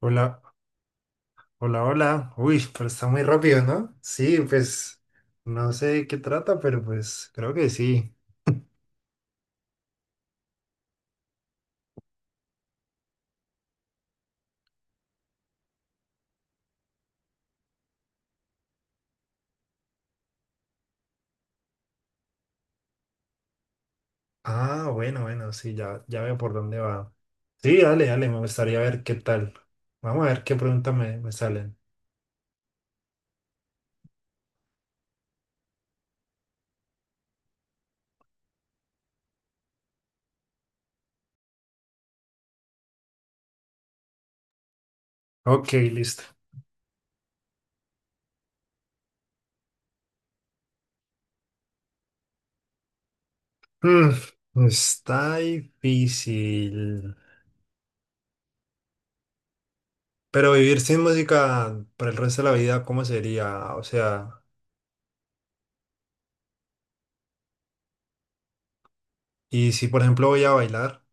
Hola, hola, hola. Uy, pero está muy rápido, ¿no? Sí, pues no sé de qué trata, pero pues creo que sí. Ah, bueno, bueno, sí, ya, ya veo por dónde va. Sí, dale, dale, me gustaría ver qué tal. Vamos a ver qué preguntas me salen. Ok, listo. Mm, está difícil. Pero vivir sin música para el resto de la vida, ¿cómo sería? O sea, y si por ejemplo voy a bailar,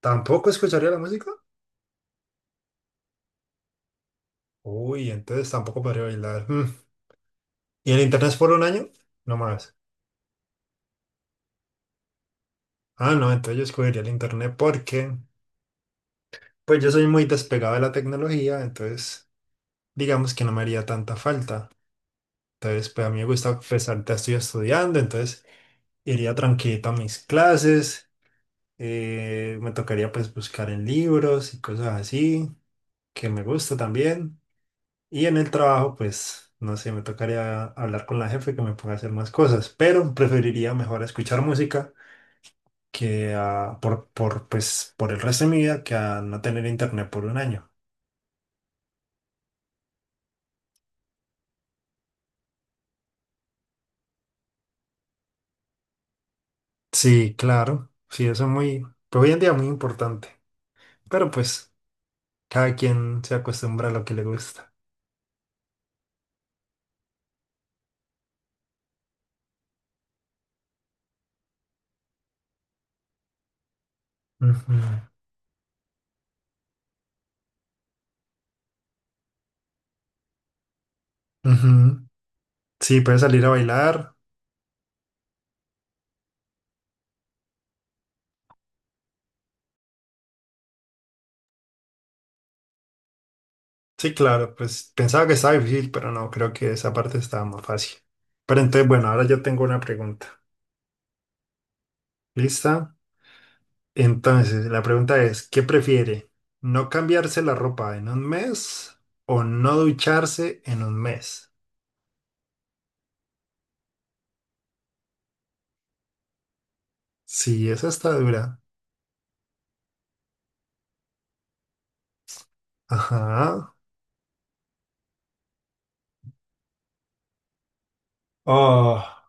¿tampoco escucharía la música? Uy, entonces tampoco podría bailar. Mm. ¿Y el internet es por un año? No más. Ah, no, entonces yo escogería el internet porque, pues yo soy muy despegado de la tecnología, entonces digamos que no me haría tanta falta. Entonces, pues a mí me gusta, pues ahorita estoy estudiando, entonces iría tranquilito a mis clases, me tocaría pues buscar en libros y cosas así, que me gusta también. Y en el trabajo, pues, no sé, me tocaría hablar con la jefe que me ponga a hacer más cosas, pero preferiría mejor escuchar música que a- pues, por el resto de mi vida que a no tener internet por un año. Sí, claro, sí, eso es muy, pues hoy en día muy importante, pero pues cada quien se acostumbra a lo que le gusta. Ujú, ujú. Sí, puede salir a bailar. Sí, claro, pues pensaba que estaba difícil, pero no, creo que esa parte estaba más fácil. Pero entonces, bueno, ahora yo tengo una pregunta. ¿Lista? Entonces, la pregunta es, ¿qué prefiere? ¿No cambiarse la ropa en un mes o no ducharse en un mes? Sí, esa está dura. Ajá. Oh,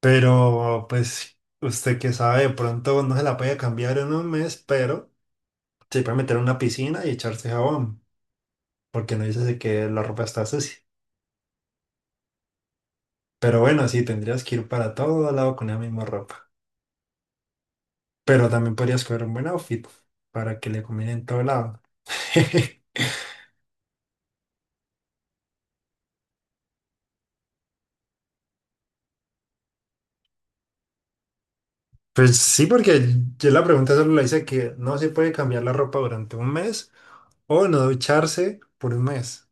pero pues usted que sabe, de pronto no se la puede cambiar en un mes, pero se puede meter en una piscina y echarse jabón, porque no dice que la ropa está sucia. Pero bueno, sí, tendrías que ir para todo lado con la misma ropa. Pero también podrías coger un buen outfit para que le combine en todo lado. Pues sí, porque yo la pregunta solo la hice que no se puede cambiar la ropa durante un mes o no ducharse por un mes.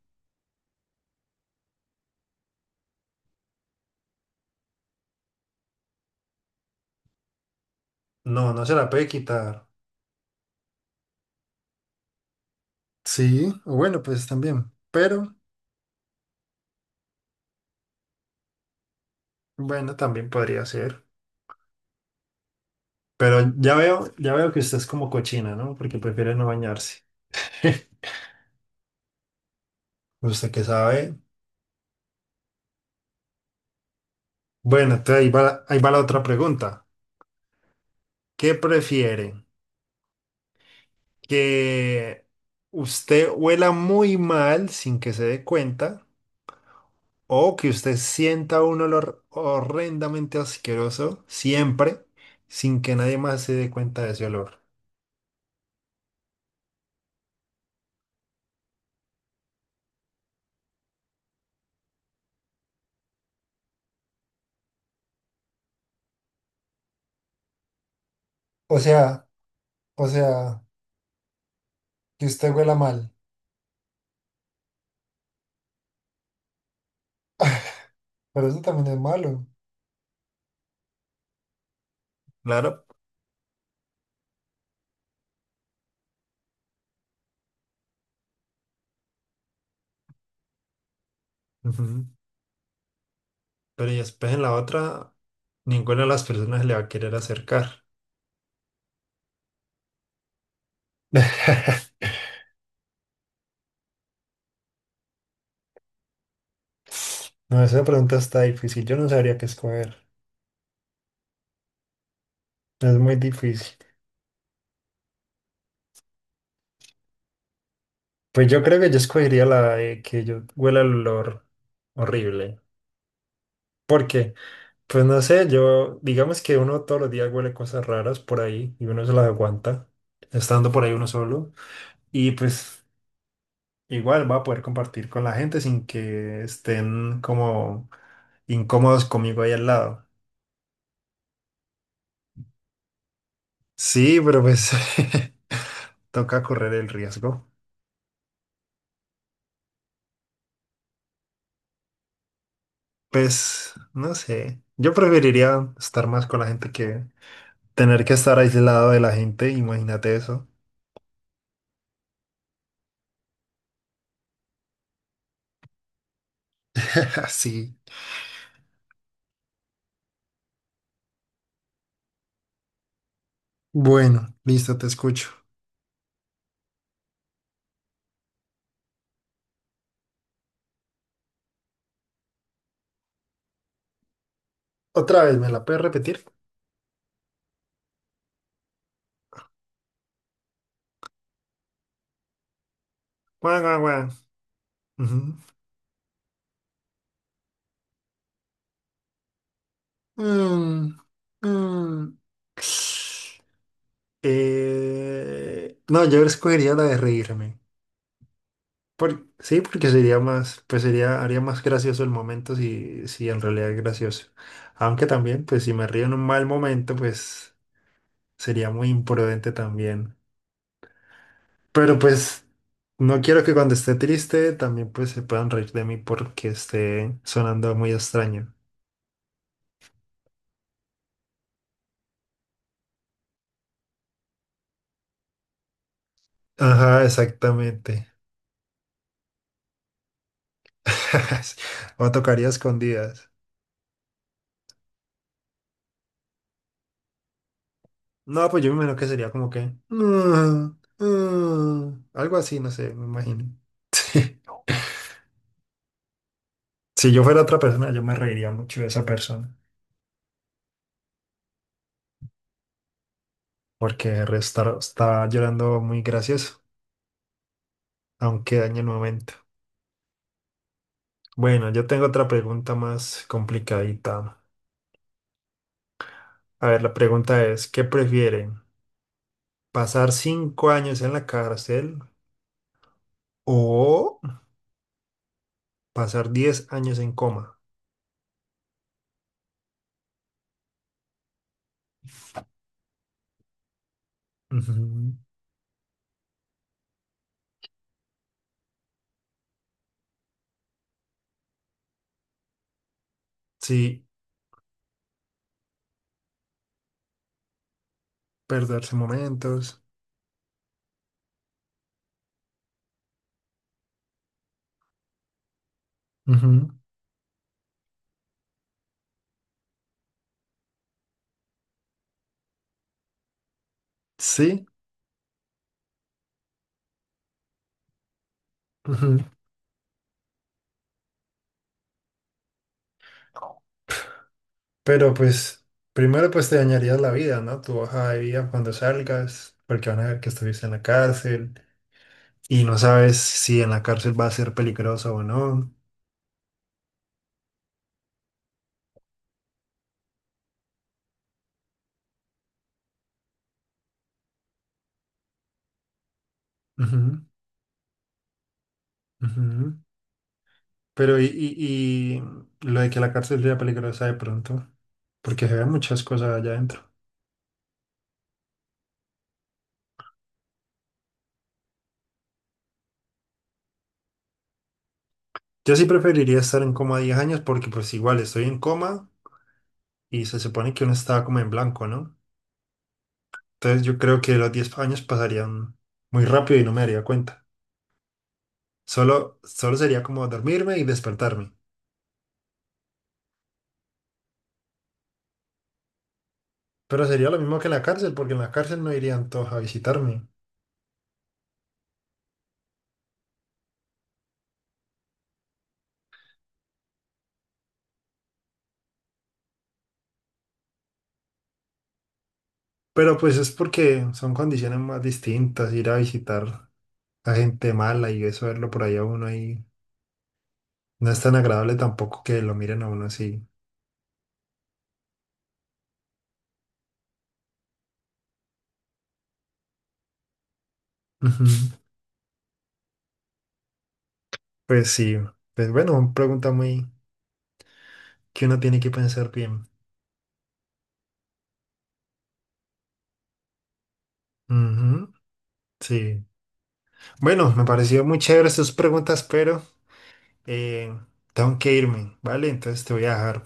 No, no se la puede quitar. Sí, o bueno, pues también. Pero bueno, también podría ser. Pero ya veo que usted es como cochina, ¿no? Porque prefiere no bañarse. Usted que sabe. Bueno, entonces ahí va la otra pregunta. ¿Qué prefiere? ¿Que usted huela muy mal sin que se dé cuenta? O que usted sienta un olor horrendamente asqueroso siempre sin que nadie más se dé cuenta de ese olor. O sea, o sea, que usted huela mal, pero eso también es malo. Claro. Ujú. Pero y después en la otra, ninguna de las personas le va a querer acercar. No, esa pregunta está difícil. Yo no sabría qué escoger. Es muy difícil. Pues yo creo que yo escogería la de que yo huela el olor horrible. ¿Por qué? Pues no sé, yo, digamos que uno todos los días huele cosas raras por ahí y uno se las aguanta, estando por ahí uno solo. Y pues igual va a poder compartir con la gente sin que estén como incómodos conmigo ahí al lado. Sí, pero pues toca correr el riesgo. Pues no sé, yo preferiría estar más con la gente que tener que estar aislado de la gente, imagínate eso. Así. Bueno, listo, te escucho. Otra vez, ¿me la puedes repetir? Guau, guau, guau. Ujú. Mm, mm. No, yo escogería la de reírme. Por, sí, porque sería más, pues sería, haría más gracioso el momento si, si en realidad es gracioso. Aunque también, pues si me río en un mal momento, pues sería muy imprudente también. Pero pues no quiero que cuando esté triste también pues se puedan reír de mí porque esté sonando muy extraño. Ajá, exactamente. O tocaría escondidas. No, pues yo me imagino que sería como que... "Mm, mm", algo así, no sé, me imagino. Si yo fuera otra persona, yo me reiría mucho de esa persona, porque el resto está llorando muy gracioso, aunque dañe el momento. Bueno, yo tengo otra pregunta más complicadita. A ver, la pregunta es, ¿qué prefieren? ¿Pasar 5 años en la cárcel o pasar 10 años en coma? Ujú. Sí, perderse momentos. Ujú, sí, ujú. Pero pues primero pues te dañarías la vida, ¿no? Tu hoja de vida cuando salgas, porque van a ver que estuviste en la cárcel y no sabes si en la cárcel va a ser peligroso o no. Ujú, ujú. Pero y lo de que la cárcel sea peligrosa de pronto, porque se ven muchas cosas allá adentro. Yo sí preferiría estar en coma 10 años porque pues igual estoy en coma y se supone que uno estaba como en blanco, ¿no? Entonces yo creo que los 10 años pasarían muy rápido y no me daría cuenta. Solo, solo sería como dormirme y despertarme. Pero sería lo mismo que en la cárcel, porque en la cárcel no irían todos a visitarme. Pero pues es porque son condiciones más distintas, ir a visitar a gente mala y eso verlo por ahí a uno ahí no es tan agradable tampoco que lo miren a uno así. Ujú. Pues sí, pues bueno, pregunta muy que uno tiene que pensar bien. Ujú, sí. Bueno, me pareció muy chévere estas preguntas, pero... Eh, tengo que irme, ¿vale? Entonces te voy a dejar.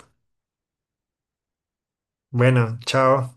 Bueno, chao.